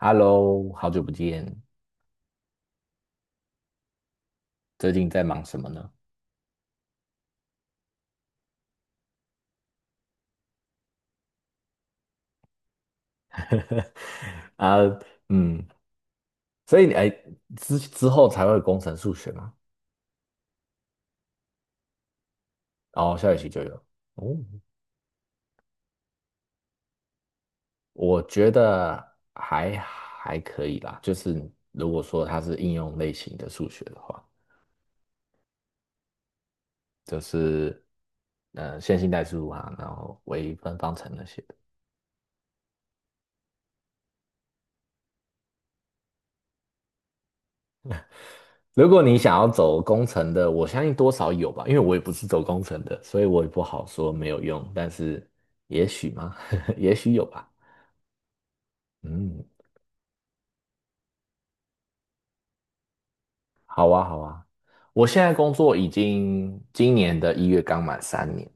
Hello,好久不见，最近在忙什么呢？啊，嗯，所以你哎，之后才会有工程数学嘛，然后下学期就有。哦，我觉得还可以啦，就是如果说它是应用类型的数学的话，就是线性代数啊，然后微分方程那些。如果你想要走工程的，我相信多少有吧，因为我也不是走工程的，所以我也不好说没有用，但是也许吗？也许有吧。嗯，好啊，好啊。我现在工作已经今年的一月刚满3年，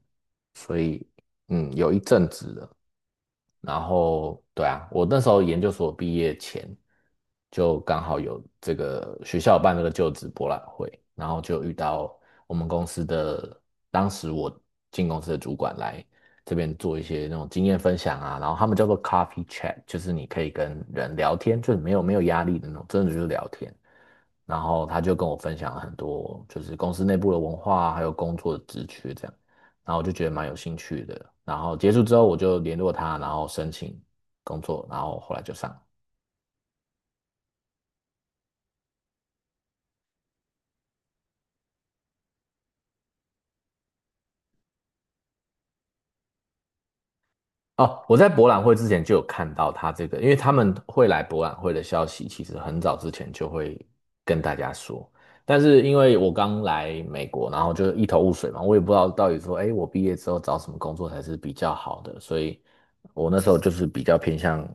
所以嗯，有一阵子了。然后对啊，我那时候研究所毕业前就刚好有这个学校有办这个就职博览会，然后就遇到我们公司的当时我进公司的主管来这边做一些那种经验分享啊，然后他们叫做 coffee chat,就是你可以跟人聊天，就是没有压力的那种，真的就是聊天。然后他就跟我分享了很多，就是公司内部的文化啊还有工作的职缺这样。然后我就觉得蛮有兴趣的。然后结束之后，我就联络他，然后申请工作，然后后来就上了。哦，我在博览会之前就有看到他这个，因为他们会来博览会的消息，其实很早之前就会跟大家说。但是因为我刚来美国，然后就一头雾水嘛，我也不知道到底说，哎，我毕业之后找什么工作才是比较好的，所以我那时候就是比较偏向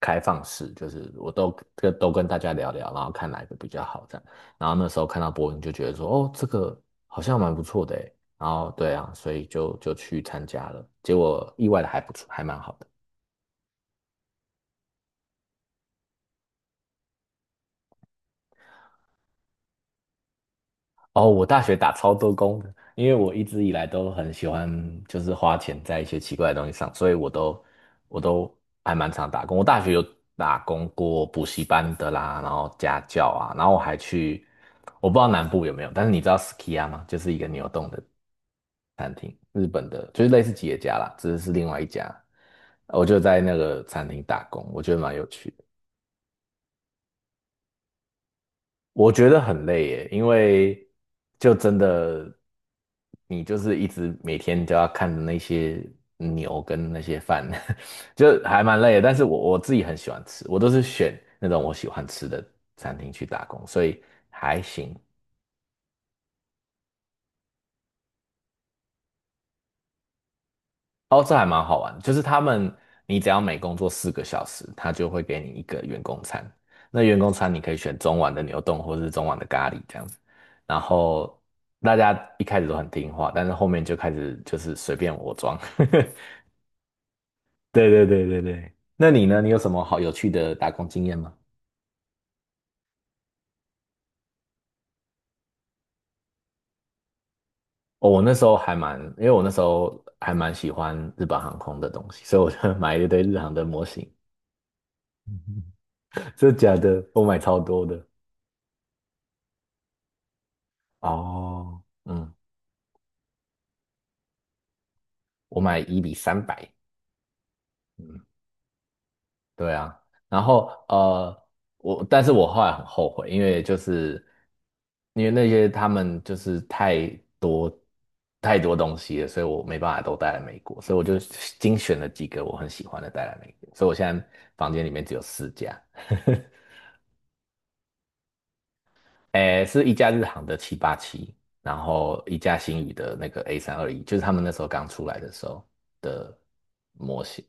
开放式，就是我都跟大家聊聊，然后看哪一个比较好这样。然后那时候看到博文就觉得说，哦，这个好像蛮不错的诶，然后对啊，所以就去参加了，结果意外的还不错，还蛮好的。哦，我大学打超多工的，因为我一直以来都很喜欢，就是花钱在一些奇怪的东西上，所以我都还蛮常打工。我大学有打工过补习班的啦，然后家教啊，然后我还去，我不知道南部有没有，但是你知道 Skia 吗？就是一个牛洞的日本的，就是类似企业家啦，只是是另外一家。我就在那个餐厅打工，我觉得蛮有趣的。我觉得很累耶，因为就真的，你就是一直每天都要看着那些牛跟那些饭，就还蛮累的。但是我自己很喜欢吃，我都是选那种我喜欢吃的餐厅去打工，所以还行。哦，这还蛮好玩的就是他们，你只要每工作4个小时，他就会给你一个员工餐。那员工餐你可以选中碗的牛丼或是中碗的咖喱这样子。然后大家一开始都很听话，但是后面就开始就是随便我装。对对对对对，那你呢？你有什么好有趣的打工经验吗？哦，我那时候还蛮，因为我那时候还蛮喜欢日本航空的东西，所以我就 买了一堆日航的模型。真的假的？我买超多的。哦，嗯。我买1:300，嗯，对啊，然后我但是我后来很后悔，因为就是因为那些他们就是太多太多东西了，所以我没办法都带来美国，所以我就精选了几个我很喜欢的带来美国，所以我现在房间里面只有四家，诶，是一架日航的七八七，然后一架星宇的那个 A321，就是他们那时候刚出来的时候的模型，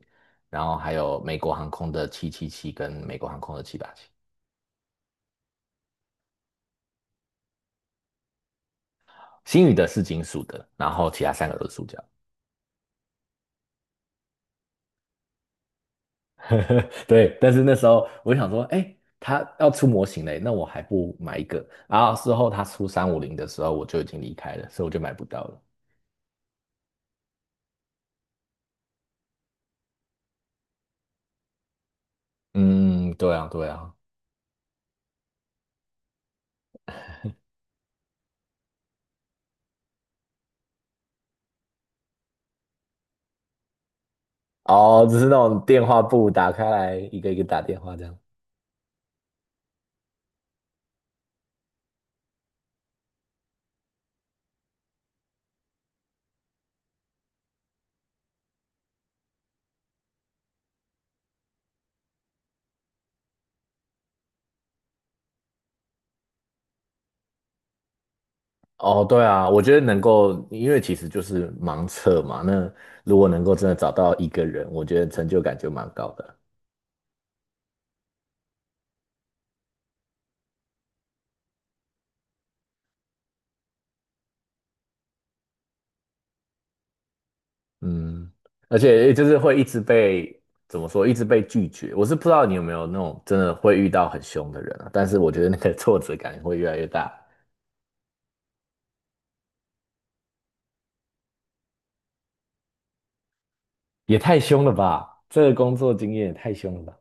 然后还有美国航空的777跟美国航空的七八七，星宇的是金属的，然后其他三个都是塑胶。对，但是那时候我就想说，哎，他要出模型嘞，那我还不买一个？然后事后他出350的时候，我就已经离开了，所以我就买不到了。嗯，对啊，对啊。哦，只是那种电话簿打开来，一个一个打电话这样。哦，对啊，我觉得能够，因为其实就是盲测嘛。那如果能够真的找到一个人，我觉得成就感就蛮高的。嗯，而且就是会一直被怎么说，一直被拒绝。我是不知道你有没有那种真的会遇到很凶的人啊，但是我觉得那个 挫折感会越来越大。也太凶了吧！这个工作经验也太凶了吧！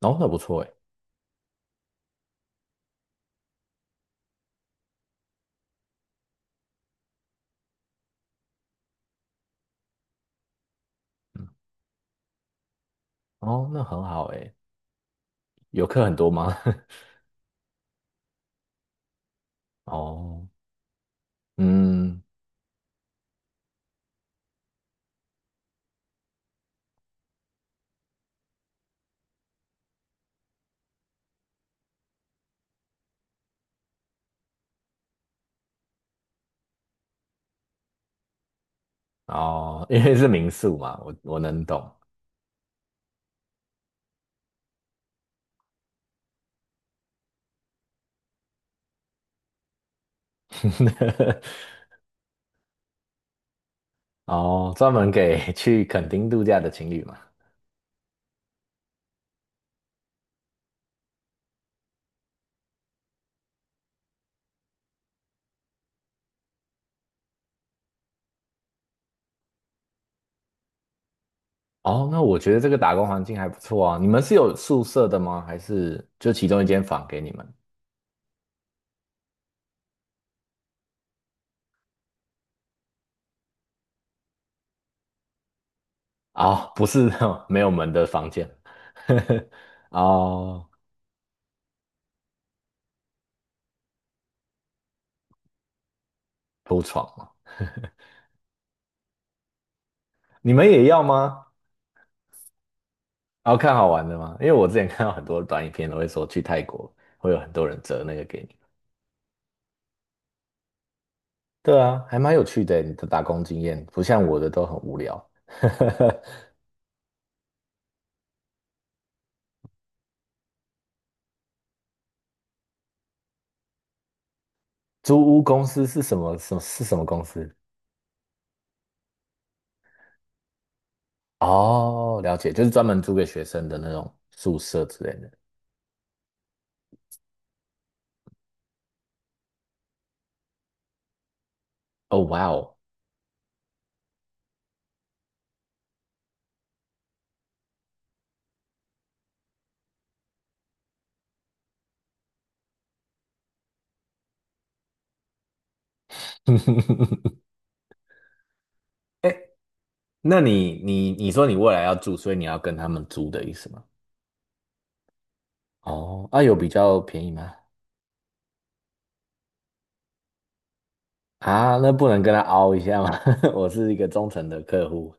哦，那不错哎。哦，那很好哎。游客很多吗？哦，嗯。哦，因为是民宿嘛，我能懂。哦，专门给去垦丁度假的情侣嘛。哦，那我觉得这个打工环境还不错啊。你们是有宿舍的吗？还是就其中一间房给你们？哦，不是那种 没有门的房间。哦，铺床嘛。你们也要吗？哦，看好玩的吗？因为我之前看到很多短影片都会说去泰国会有很多人折那个给你。对啊，还蛮有趣的欸，你的打工经验不像我的都很无聊。租屋公司是什么？什么是什么公司？哦，了解，就是专门租给学生的那种宿舍之类的。哦，哇哦，哎，那你说你未来要住，所以你要跟他们租的意思吗？哦，啊，有比较便宜吗？啊，那不能跟他凹一下吗？我是一个忠诚的客户。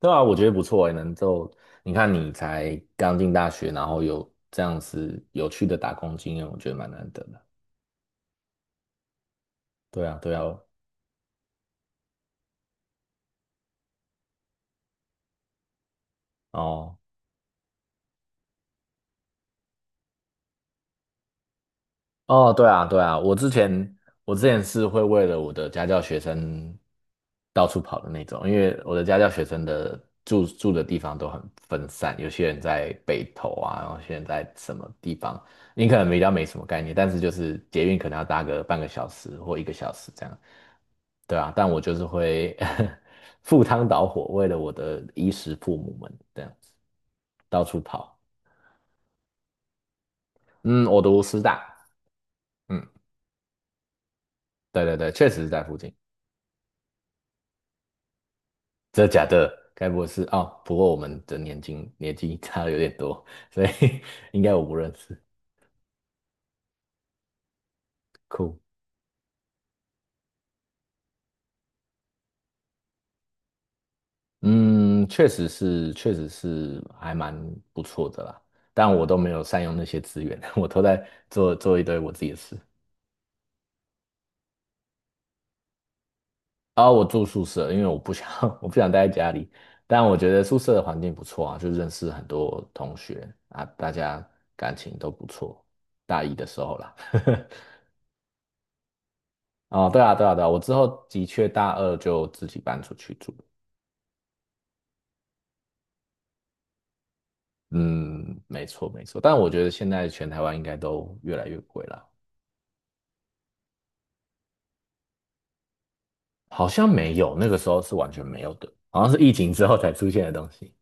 对啊，我觉得不错欸，能够你看你才刚进大学，然后有这样子有趣的打工经验，我觉得蛮难得的。对啊，对啊，哦。哦，对啊，对啊，我之前我之前是会为了我的家教学生到处跑的那种，因为我的家教学生的住的地方都很分散，有些人在北投啊，然后有些人在什么地方，你可能比较没什么概念，但是就是捷运可能要搭个半个小时或1个小时这样，对啊，但我就是会 赴汤蹈火，为了我的衣食父母们这样子到处跑，嗯，我读师大，嗯，对对对，确实是在附近。真的假的？该不会是哦？不过我们的年纪差的有点多，所以 应该我不认识。酷，嗯，确实是，确实是还蛮不错的啦。但我都没有善用那些资源，我都在做一堆我自己的事。啊、我住宿舍，因为我不想 我不想待在家里。但我觉得宿舍的环境不错啊，就认识很多同学啊，大家感情都不错。大一的时候啦。哦，对啊，对啊，对啊，我之后的确大二就自己搬出去住。嗯，没错，没错。但我觉得现在全台湾应该都越来越贵了，好像没有，那个时候是完全没有的，好像是疫情之后才出现的东西。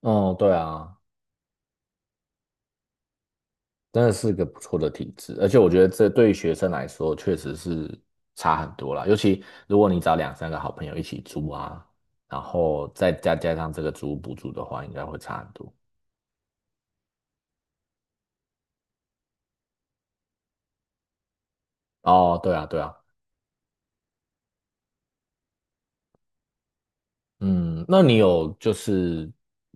哦，对啊，真的是个不错的体制，而且我觉得这对于学生来说确实是差很多啦。尤其如果你找两三个好朋友一起租啊，然后再加上这个租屋补助的话，应该会差很多。哦，对啊，对啊，嗯，那你有就是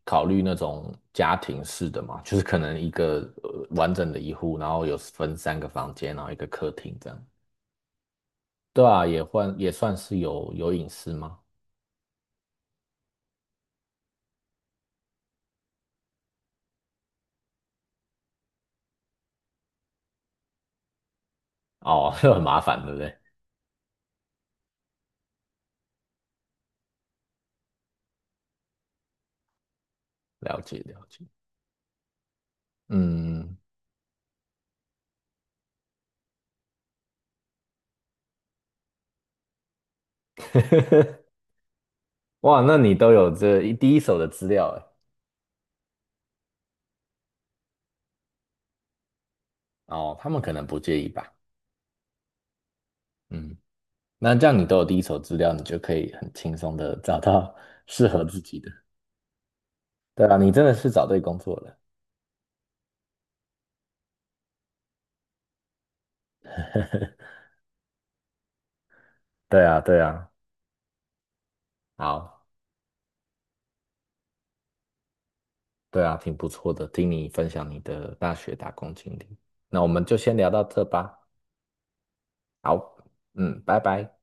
考虑那种家庭式的吗？就是可能一个完整的一户，然后有分三个房间，然后一个客厅这样。对啊，也换也算是有隐私吗？哦，很麻烦，对不对？了解了解。嗯，哇，那你都有这一第一手的资料哎。哦，他们可能不介意吧。嗯，那这样你都有第一手资料，你就可以很轻松的找到 适合自己的。对啊，你真的是找对工作了。对啊，对啊，好，对啊，挺不错的，听你分享你的大学打工经历。那我们就先聊到这吧。好，嗯，拜拜。